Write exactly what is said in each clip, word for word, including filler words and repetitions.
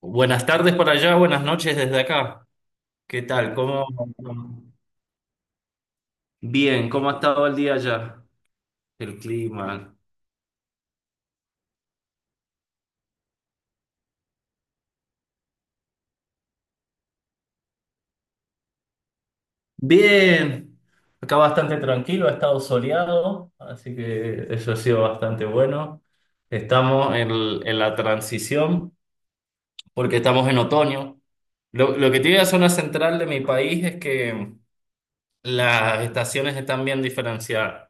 Buenas tardes por allá, buenas noches desde acá. ¿Qué tal? ¿Cómo? Bien, ¿cómo ha estado el día allá? El clima. Bien. Acá bastante tranquilo, ha estado soleado, así que eso ha sido bastante bueno. Estamos en, en la transición porque estamos en otoño. Lo, lo que tiene la zona central de mi país es que las estaciones están bien diferenciadas.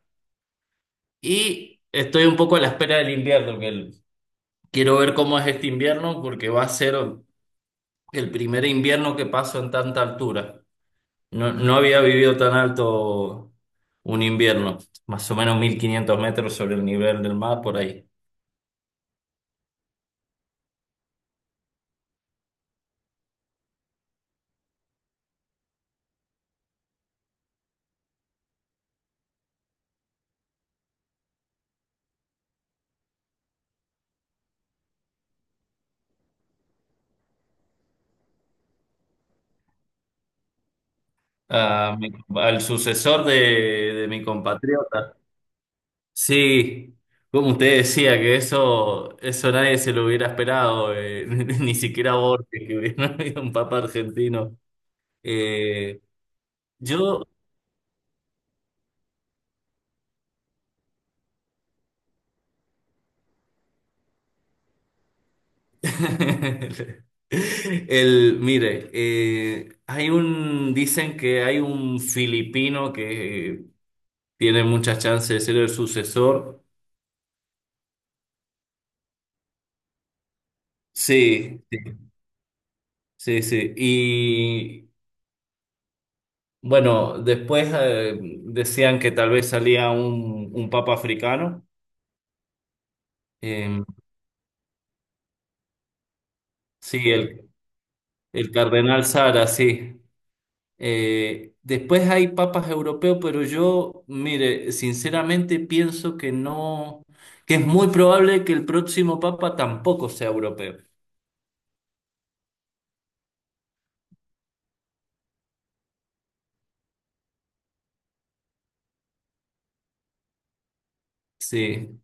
Y estoy un poco a la espera del invierno, que el- Quiero ver cómo es este invierno porque va a ser el primer invierno que paso en tanta altura. No, no había vivido tan alto un invierno, más o menos mil quinientos metros sobre el nivel del mar, por ahí. Ah, mi- Al sucesor de, de mi compatriota. Sí, como usted decía, que eso, eso nadie se lo hubiera esperado, eh, ni siquiera Borges, que hubiera habido un papa argentino. Eh, yo El, mire, eh, hay un, dicen que hay un filipino que tiene muchas chances de ser el sucesor. Sí, sí, sí, sí. Y bueno, después eh, decían que tal vez salía un, un papa africano. Eh, sí, el, el cardenal Sara, sí. Eh, después hay papas europeos, pero yo, mire, sinceramente pienso que no, que es muy probable que el próximo papa tampoco sea europeo. Sí,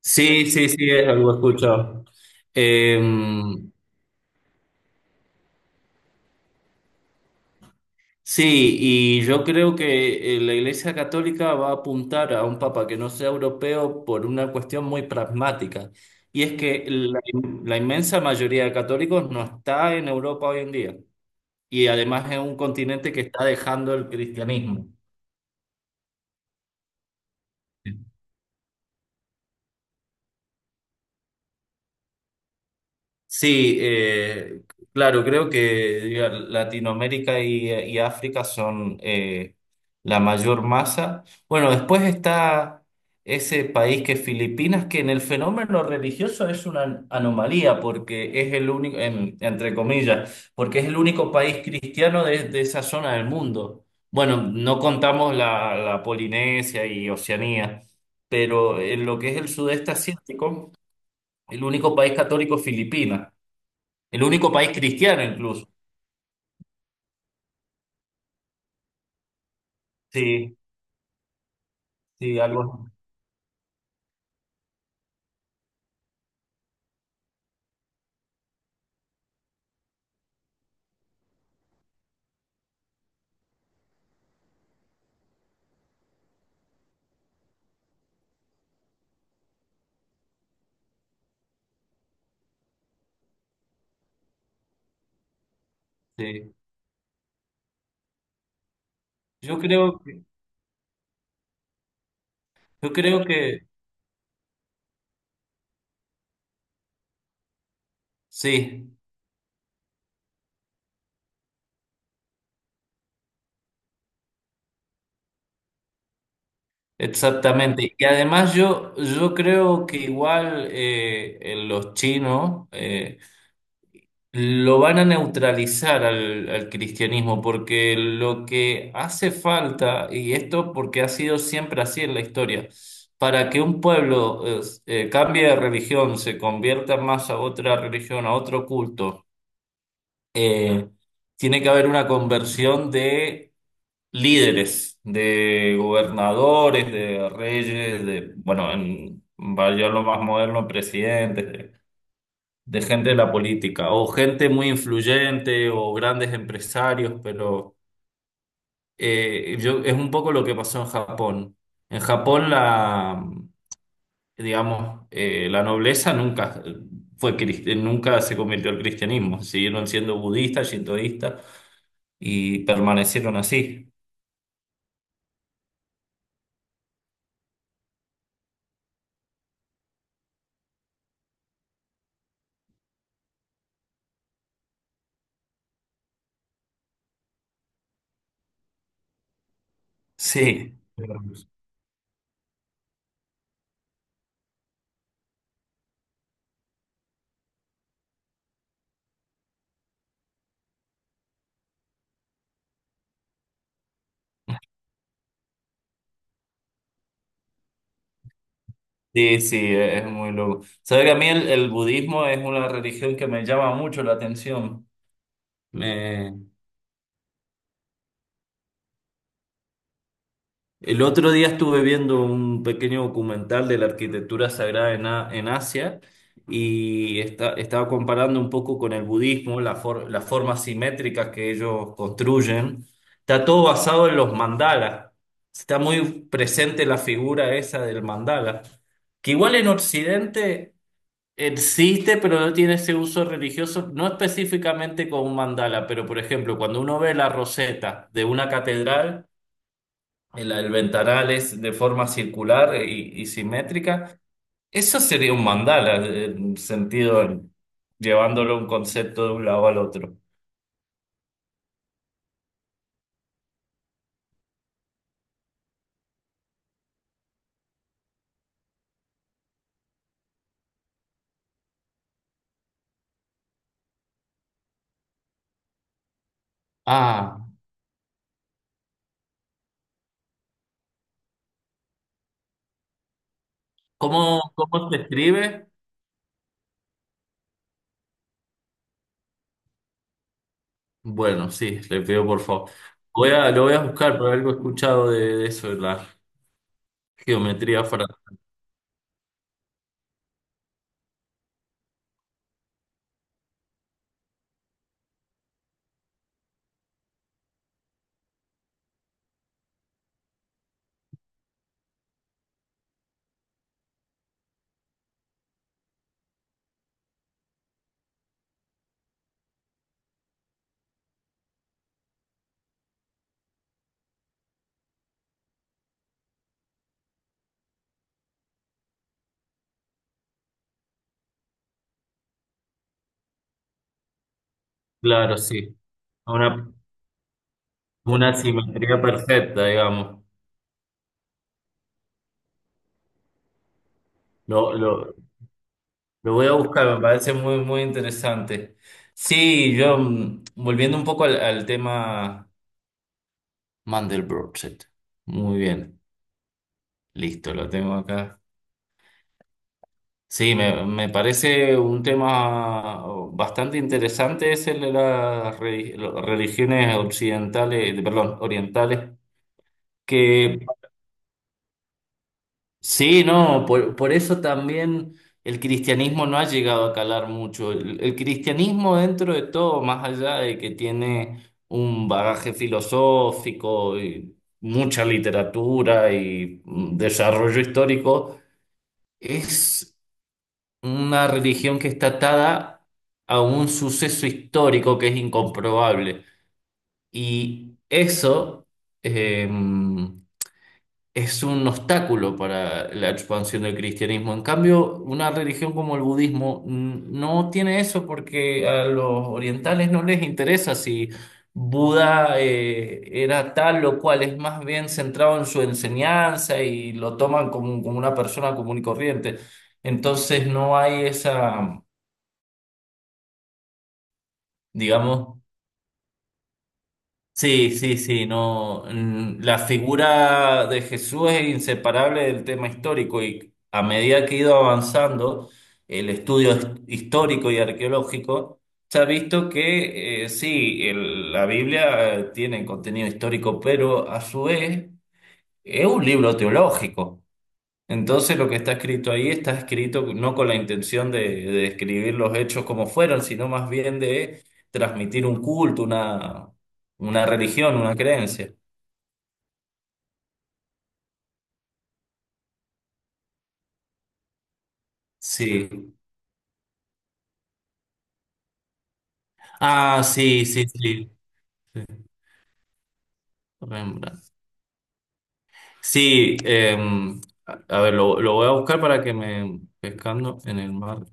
sí, sí, sí, es algo escuchado. Eh, sí, y yo creo que eh, la Iglesia Católica va a apuntar a un papa que no sea europeo por una cuestión muy pragmática, y es que la la inmensa mayoría de católicos no está en Europa hoy en día. Y además es un continente que está dejando el cristianismo. Sí, eh, claro, creo que diga, Latinoamérica y, y África son eh, la mayor masa. Bueno, después está ese país que es Filipinas, que en el fenómeno religioso es una anomalía, porque es el único, en- entre comillas, porque es el único país cristiano de, de esa zona del mundo. Bueno, no contamos la, la Polinesia y Oceanía, pero en lo que es el sudeste asiático, el único país católico es Filipinas. El único país cristiano incluso. Sí, sí, algo. Así. Sí. Yo creo, que- yo creo que sí, exactamente. Y además yo, yo creo que igual eh, eh, los chinos eh, lo van a neutralizar al, al cristianismo, porque lo que hace falta, y esto porque ha sido siempre así en la historia, para que un pueblo eh, eh, cambie de religión, se convierta más a otra religión, a otro culto eh, tiene que haber una conversión de líderes, de gobernadores, de reyes, de, bueno, en, vaya lo más moderno, presidentes, de, de gente de la política, o gente muy influyente, o grandes empresarios, pero eh, yo, es un poco lo que pasó en Japón. En Japón la, digamos, eh, la nobleza nunca... fue crist- nunca se convirtió al cristianismo, siguieron siendo budistas, shintoístas, y permanecieron así. Sí. Sí, sí, es muy loco. Sabes que a mí el, el budismo es una religión que me llama mucho la atención. Me, el otro día estuve viendo un pequeño documental de la arquitectura sagrada en, A- en Asia y esta- estaba comparando un poco con el budismo, la for- las formas simétricas que ellos construyen. Está todo basado en los mandalas. Está muy presente la figura esa del mandala, que igual en Occidente existe, pero no tiene ese uso religioso, no específicamente con un mandala, pero por ejemplo, cuando uno ve la roseta de una catedral, el, el ventanal es de forma circular y, y simétrica. Eso sería un mandala, en sentido, en- llevándolo un concepto de un lado al otro. Ah, ¿cómo, cómo se escribe? Bueno, sí, le pido por favor. Voy a, lo voy a buscar, pero algo he escuchado de, de eso, de la geometría fra- Claro, sí. Una, una simetría perfecta, digamos. Lo, lo, Lo voy a buscar, me parece muy, muy interesante. Sí, yo, mm, volviendo un poco al, al tema Mandelbrot. Muy bien, listo, lo tengo acá. Sí, me, me parece un tema bastante interesante, es el de las re- religiones occidentales, eh, perdón, orientales, que sí, no, por, por eso también el cristianismo no ha llegado a calar mucho. El, el cristianismo dentro de todo, más allá de que tiene un bagaje filosófico y mucha literatura y mm, desarrollo histórico, es una religión que está atada a un suceso histórico que es incomprobable. Y eso... em, es un obstáculo para la expansión del cristianismo. En cambio, una religión como el budismo mm, no tiene eso porque a los orientales no les interesa si Buda eh, era tal o cual, es más bien centrado en su enseñanza y lo toman como, como una persona común y corriente. Entonces no hay esa, digamos, sí, sí, sí, no. mm, La figura de Jesús es inseparable del tema histórico y a medida que ha ido avanzando el estudio his- histórico y arqueológico, se ha visto que eh, sí, el- la Biblia eh, tiene contenido histórico, pero a su vez es un libro teológico. Entonces lo que está escrito ahí está escrito no con la intención de, de describir los hechos como fueron, sino más bien de transmitir un culto, una, una religión, una creencia. Sí. Ah, sí, sí, sí. Sí, Rembrandt. Sí, em, a a ver, lo, lo voy a buscar para que me... Pescando en el mar.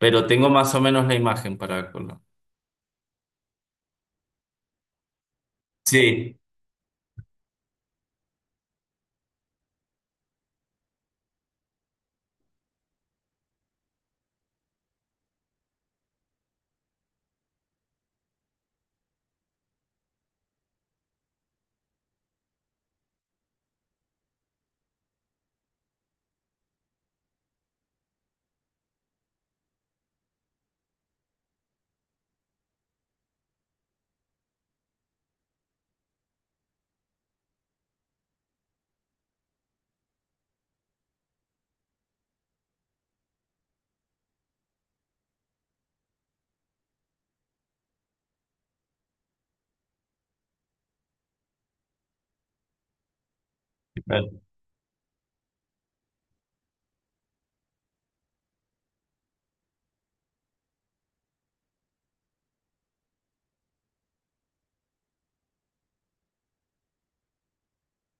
Pero tengo más o menos la imagen para... colo- Sí.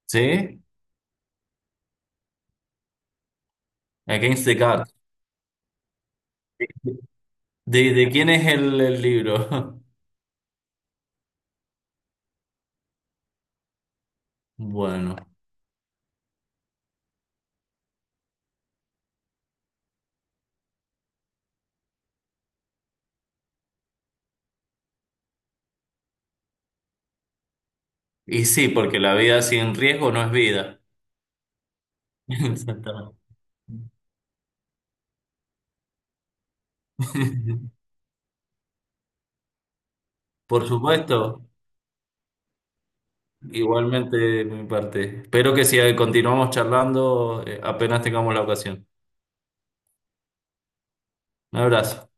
¿Sí? Against the God. ¿De, de quién es el el libro? Bueno. Y sí, porque la vida sin riesgo no es vida. Exactamente. Por supuesto, igualmente de mi parte. Espero que si continuamos charlando, eh, apenas tengamos la ocasión. Un abrazo.